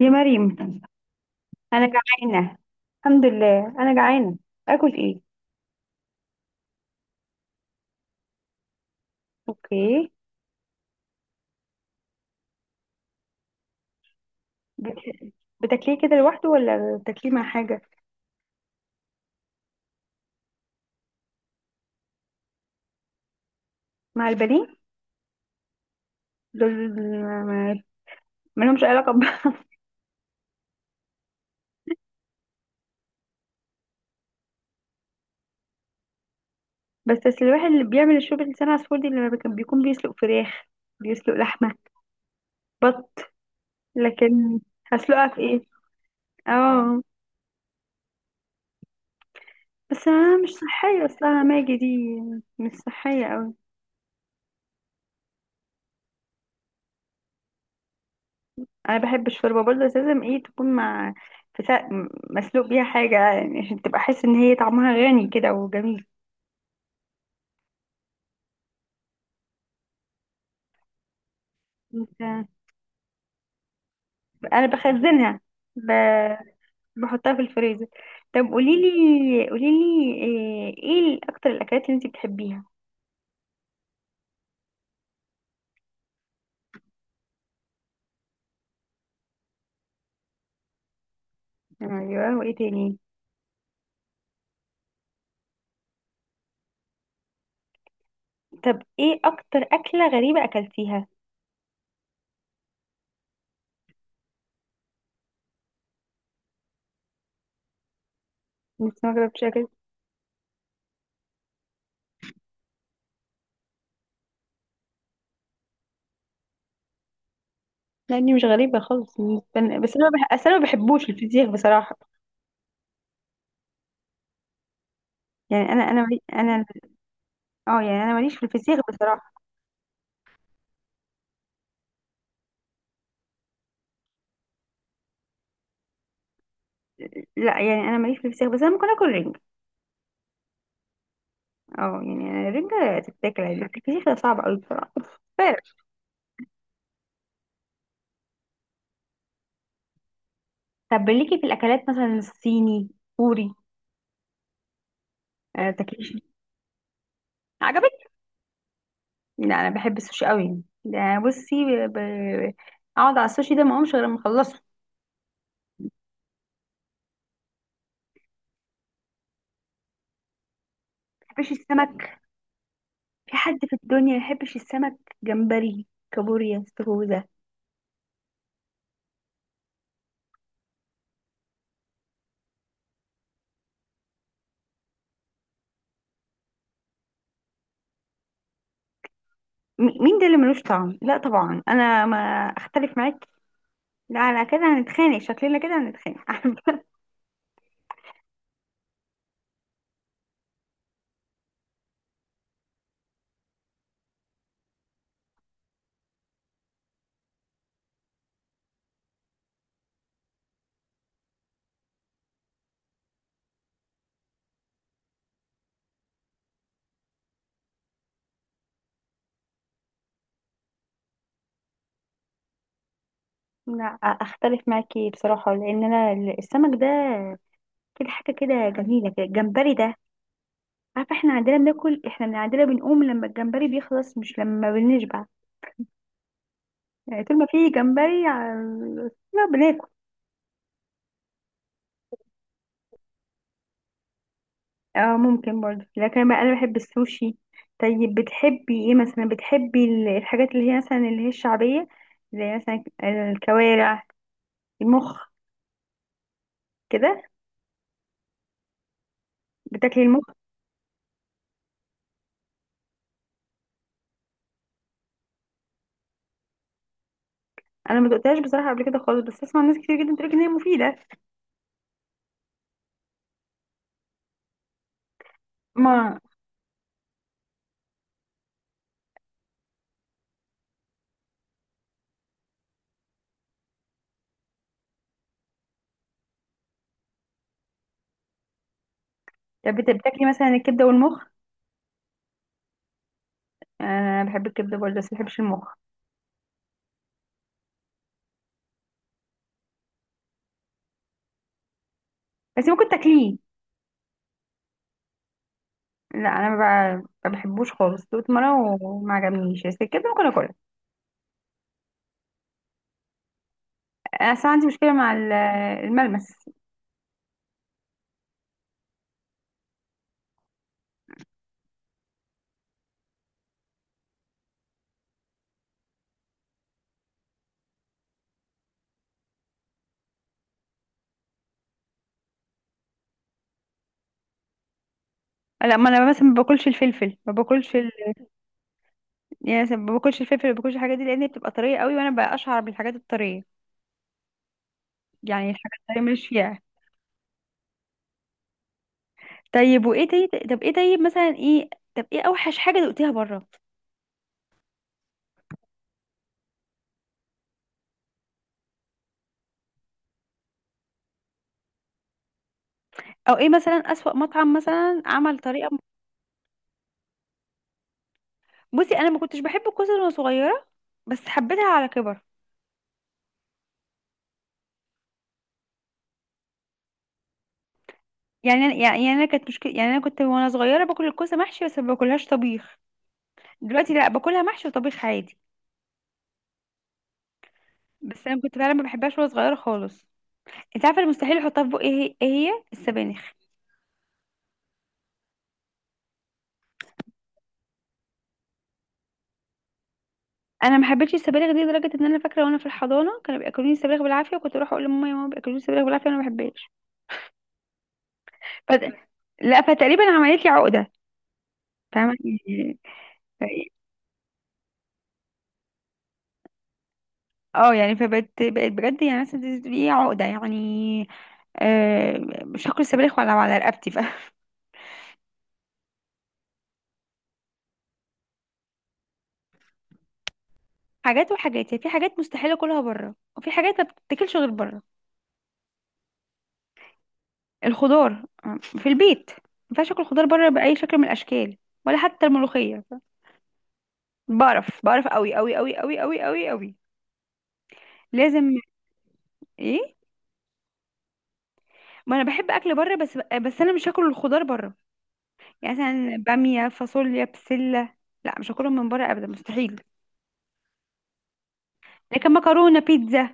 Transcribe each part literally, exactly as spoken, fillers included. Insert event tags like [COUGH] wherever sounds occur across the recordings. يا مريم، انا جعانه. الحمد لله، انا جعانه. اكل ايه؟ اوكي. بت... بتاكليه كده لوحده ولا بتاكليه مع حاجه؟ مع البانيه دول ما ما لهمش علاقه ب... [LAUGHS] بس بس الواحد اللي بيعمل الشوربه لسان عصفور دي اللي كان بيكون بيسلق فراخ، بيسلق لحمه، بط، لكن هسلقها في ايه؟ اه، بس انا مش صحيه اصلها ماجي دي، مش صحيه. انا بحب الشوربه برضه، بس لازم ايه تكون مع، في سا... مسلوق بيها حاجه يعني عشان تبقى احس ان هي طعمها غني كده وجميل. انت- انا بخزنها. ب... بحطها في الفريزر. طب قولي لي قولي لي ايه إيه اكتر الاكلات اللي انت بتحبيها؟ ايوه، وايه تاني؟ طب ايه اكتر اكله غريبه اكلتيها؟ لسه ما جربتش اكل. لاني مش غريبه خالص بالنسبة لي. بس انا ما بح... أصل انا ما بحبوش الفسيخ بصراحه. يعني انا انا مالي- انا اه، يعني انا ماليش في الفسيخ بصراحه. لا، يعني انا ماليش في الفسيخ، بس انا ممكن اكل رنجة. اه، يعني أنا الرنجة تتاكل عادي لكن الفسيخ ده صعب قوي بصراحة، فعلا. طب ليكي في الاكلات مثلا الصيني كوري؟ آه، تاكليش؟ عجبك؟ لا انا بحب السوشي قوي ده. بصي ب... ب- اقعد على السوشي ده ما اقومش غير لما اخلصه. ما بحبش السمك؟ في حد في الدنيا ما يحبش السمك؟ جمبري، كابوريا، استاكوزا. م- مين ده اللي ملوش طعم؟ لا طبعا انا ما اختلف معاك. لا، على كده هنتخانق، شكلنا كده هنتخانق. [LAUGHS] لا اختلف معاكي بصراحه، لان انا السمك ده كده حاجه كده جميله كده، الجمبري ده عارفه احنا عندنا بناكل، احنا من عندنا بنقوم لما الجمبري بيخلص، مش لما بنشبع. يعني طول ما في جمبري ع- لا بناكل. اه، ممكن برضه، لكن بقى انا بحب السوشي. طيب بتحبي ايه مثلا؟ بتحبي ال- الحاجات اللي هي مثلا اللي هي الشعبيه، زي مثلا الكوارع، المخ كده؟ بتاكلي المخ؟ انا ما دقتهاش بصراحه قبل كده خالص، بس اسمع ناس كتير جدا بتقول ان هي مفيده. ما طب بت- بتاكلي مثلا الكبده والمخ؟ انا بحب الكبده برضه بس ما بحبش المخ. بس ممكن تاكليه؟ لا، انا ما ب- ما بحبوش خالص دوت مره وما عجبنيش، بس الكبده ممكن اكلها. انا اصلا عندي مشكله مع ال- الملمس. لا، ما انا مثلا ما باكلش الفلفل ما باكلش ال... يعني مثلا ما باكلش الفلفل ما باكلش الحاجات دي لان هي بتبقى طريه قوي، وانا بقى اشعر بالحاجات الطريه. يعني الحاجات الطريه ماليش فيها. طيب وايه تاني؟ طب ايه؟ طيب مثلا ايه؟ طب ايه اوحش حاجه دقتيها بره؟ او ايه مثلا اسوأ مطعم مثلا عمل طريقه؟ بصي انا ما كنتش بحب الكوسه وانا صغيره، بس حبيتها على كبر. يعني انا يعني يعني انا كانت مشكله، يعني انا كنت وانا صغيره باكل الكوسه محشي بس ما باكلهاش طبيخ. دلوقتي لا، باكلها محشي وطبيخ عادي. بس انا كنت فعلا ما بحبهاش وانا صغيره خالص. انت عارفه المستحيل احطها في بقي ايه هي؟ إيه هي؟ السبانخ. انا ما حبيتش السبانخ دي لدرجه ان انا فاكره وانا في الحضانه كانوا بياكلوني السبانخ بالعافيه، وكنت اروح اقول لماما: يا ماما بياكلوني السبانخ بالعافيه وانا ما بحبهاش. فت... لا، فتقريبا عملت لي عقده. فاهمه يعني؟ ف- اه، يعني فبقت بقت بجد يعني مثلا دي دي عقده يعني. آه، مش هاكل السبانخ ولو على رقبتي ف [LAUGHS] حاجات وحاجات يعني، في حاجات مستحيل اكلها بره وفي حاجات ما بتتاكلش غير بره. الخضار آه، في البيت، ما ينفعش اكل خضار بره باي شكل من الاشكال. ولا حتى الملوخيه. ف- بعرف بعرف قوي قوي قوي قوي قوي قوي قوي، لازم. ايه؟ ما انا بحب اكل بره، بس بس انا مش هاكل الخضار بره. يعني مثلا باميه، فاصوليا، بسله، لا، مش هاكلهم من بره ابدا، مستحيل. لكن مكرونه، بيتزا،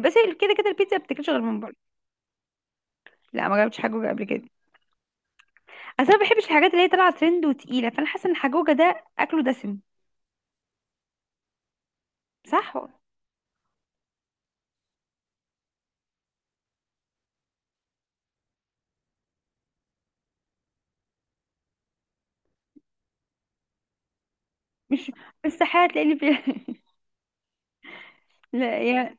بس. كده كده البيتزا ما بتاكلش غير من بره. لا، ما جربتش حاجه قبل كده. اصل انا ما بحبش الحاجات اللي هي طالعه ترند وتقيله، فانا حاسه ان حجوجه ده اكله دسم، صح. مش مش صحيح تلاقيني في [LAUGHS] لا يا،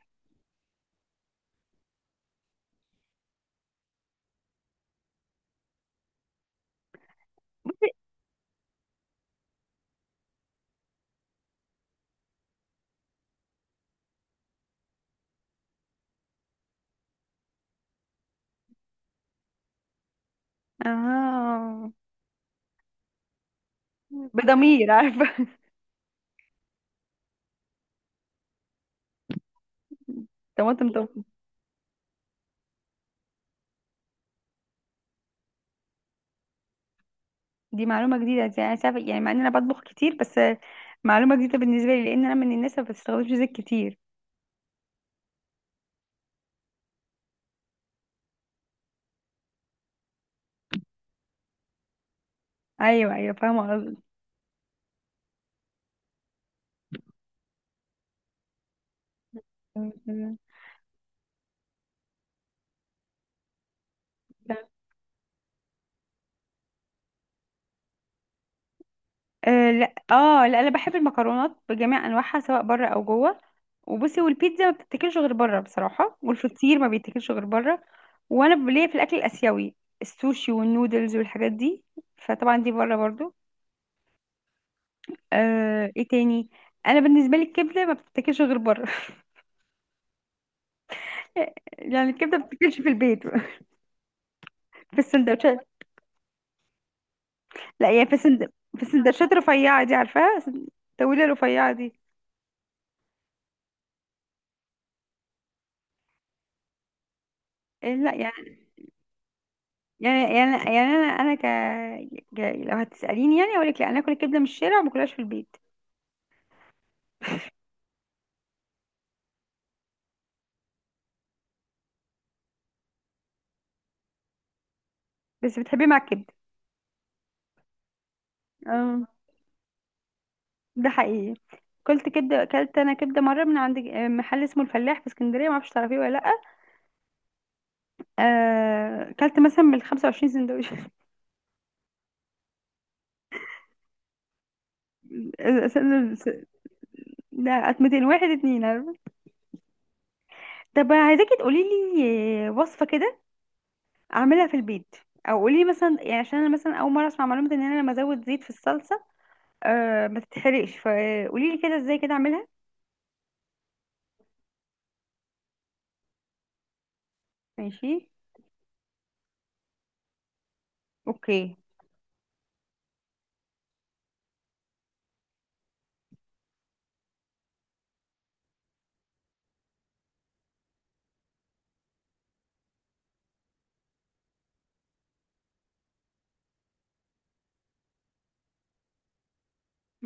اه، بضمير عارفه. [LAUGHS] طماطم طماطم. دي معلومه جديده يعني. أنا شايفة- يعني مع ان انا بطبخ كتير، بس معلومه جديده بالنسبه لي، لان انا من الناس اللي ما بتستخدمش زيت كتير. ايوه ايوه، فاهمه قصدك. آه لا، اه لا، انا بحب المكرونات بجميع انواعها، سواء بره او جوه. وبصي، والبيتزا ما بتتاكلش غير بره بصراحه، والفطير ما بيتاكلش غير بره. وانا ب- ليا في الاكل الاسيوي، السوشي والنودلز والحاجات دي، فطبعا دي بره برضو. آه، ايه تاني. انا بالنسبه لي الكبده ما بتتاكلش غير بره. [LAUGHS] يعني الكبده ما بتتاكلش في البيت. [LAUGHS] في السندوتشات. لا يعني في السند... في السندوتشات الرفيعه دي، عارفاها؟ سن- الطويله الرفيعه دي. إيه، لا يعني، يعني يعني يعني انا انا ك... ك... لو هتساليني يعني اقول لك: لا، انا اكل الكبده من الشارع وما اكلهاش في البيت. بس بتحبيه مع الكبده. آه. ده حقيقي. كلت كبده، اكلت انا كبده مره من عند آه، محل اسمه الفلاح في اسكندريه، ما اعرفش تعرفيه ولا لا. آه، اكلت مثلا من خمسة وعشرين سندوتش. [LAUGHS] لا ميتين، واحد اتنين عارفة؟ طب عايزاكي تقولي لي وصفه كده اعملها في البيت، او قولي لي مثلا يعني عشان انا مثلا اول مره اسمع معلومه ان انا لما ازود زيت في الصلصه أه ما تتحرقش، فقولي لي كده ازاي كده اعملها. ماشي. اوكي.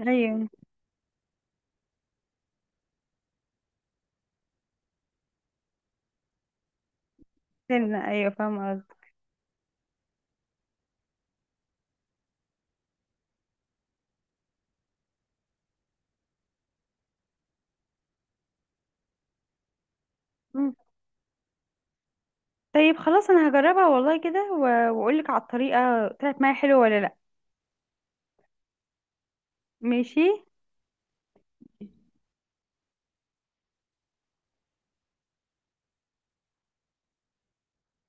ايوه. سنة، ايوه فاهمه. قصدي، طيب خلاص، انا هجربها والله كده و- واقولك على الطريقة طلعت معايا حلوة ولا لا. ماشي.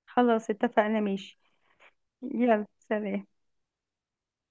خلاص، اتفقنا. ماشي. يلا سلام.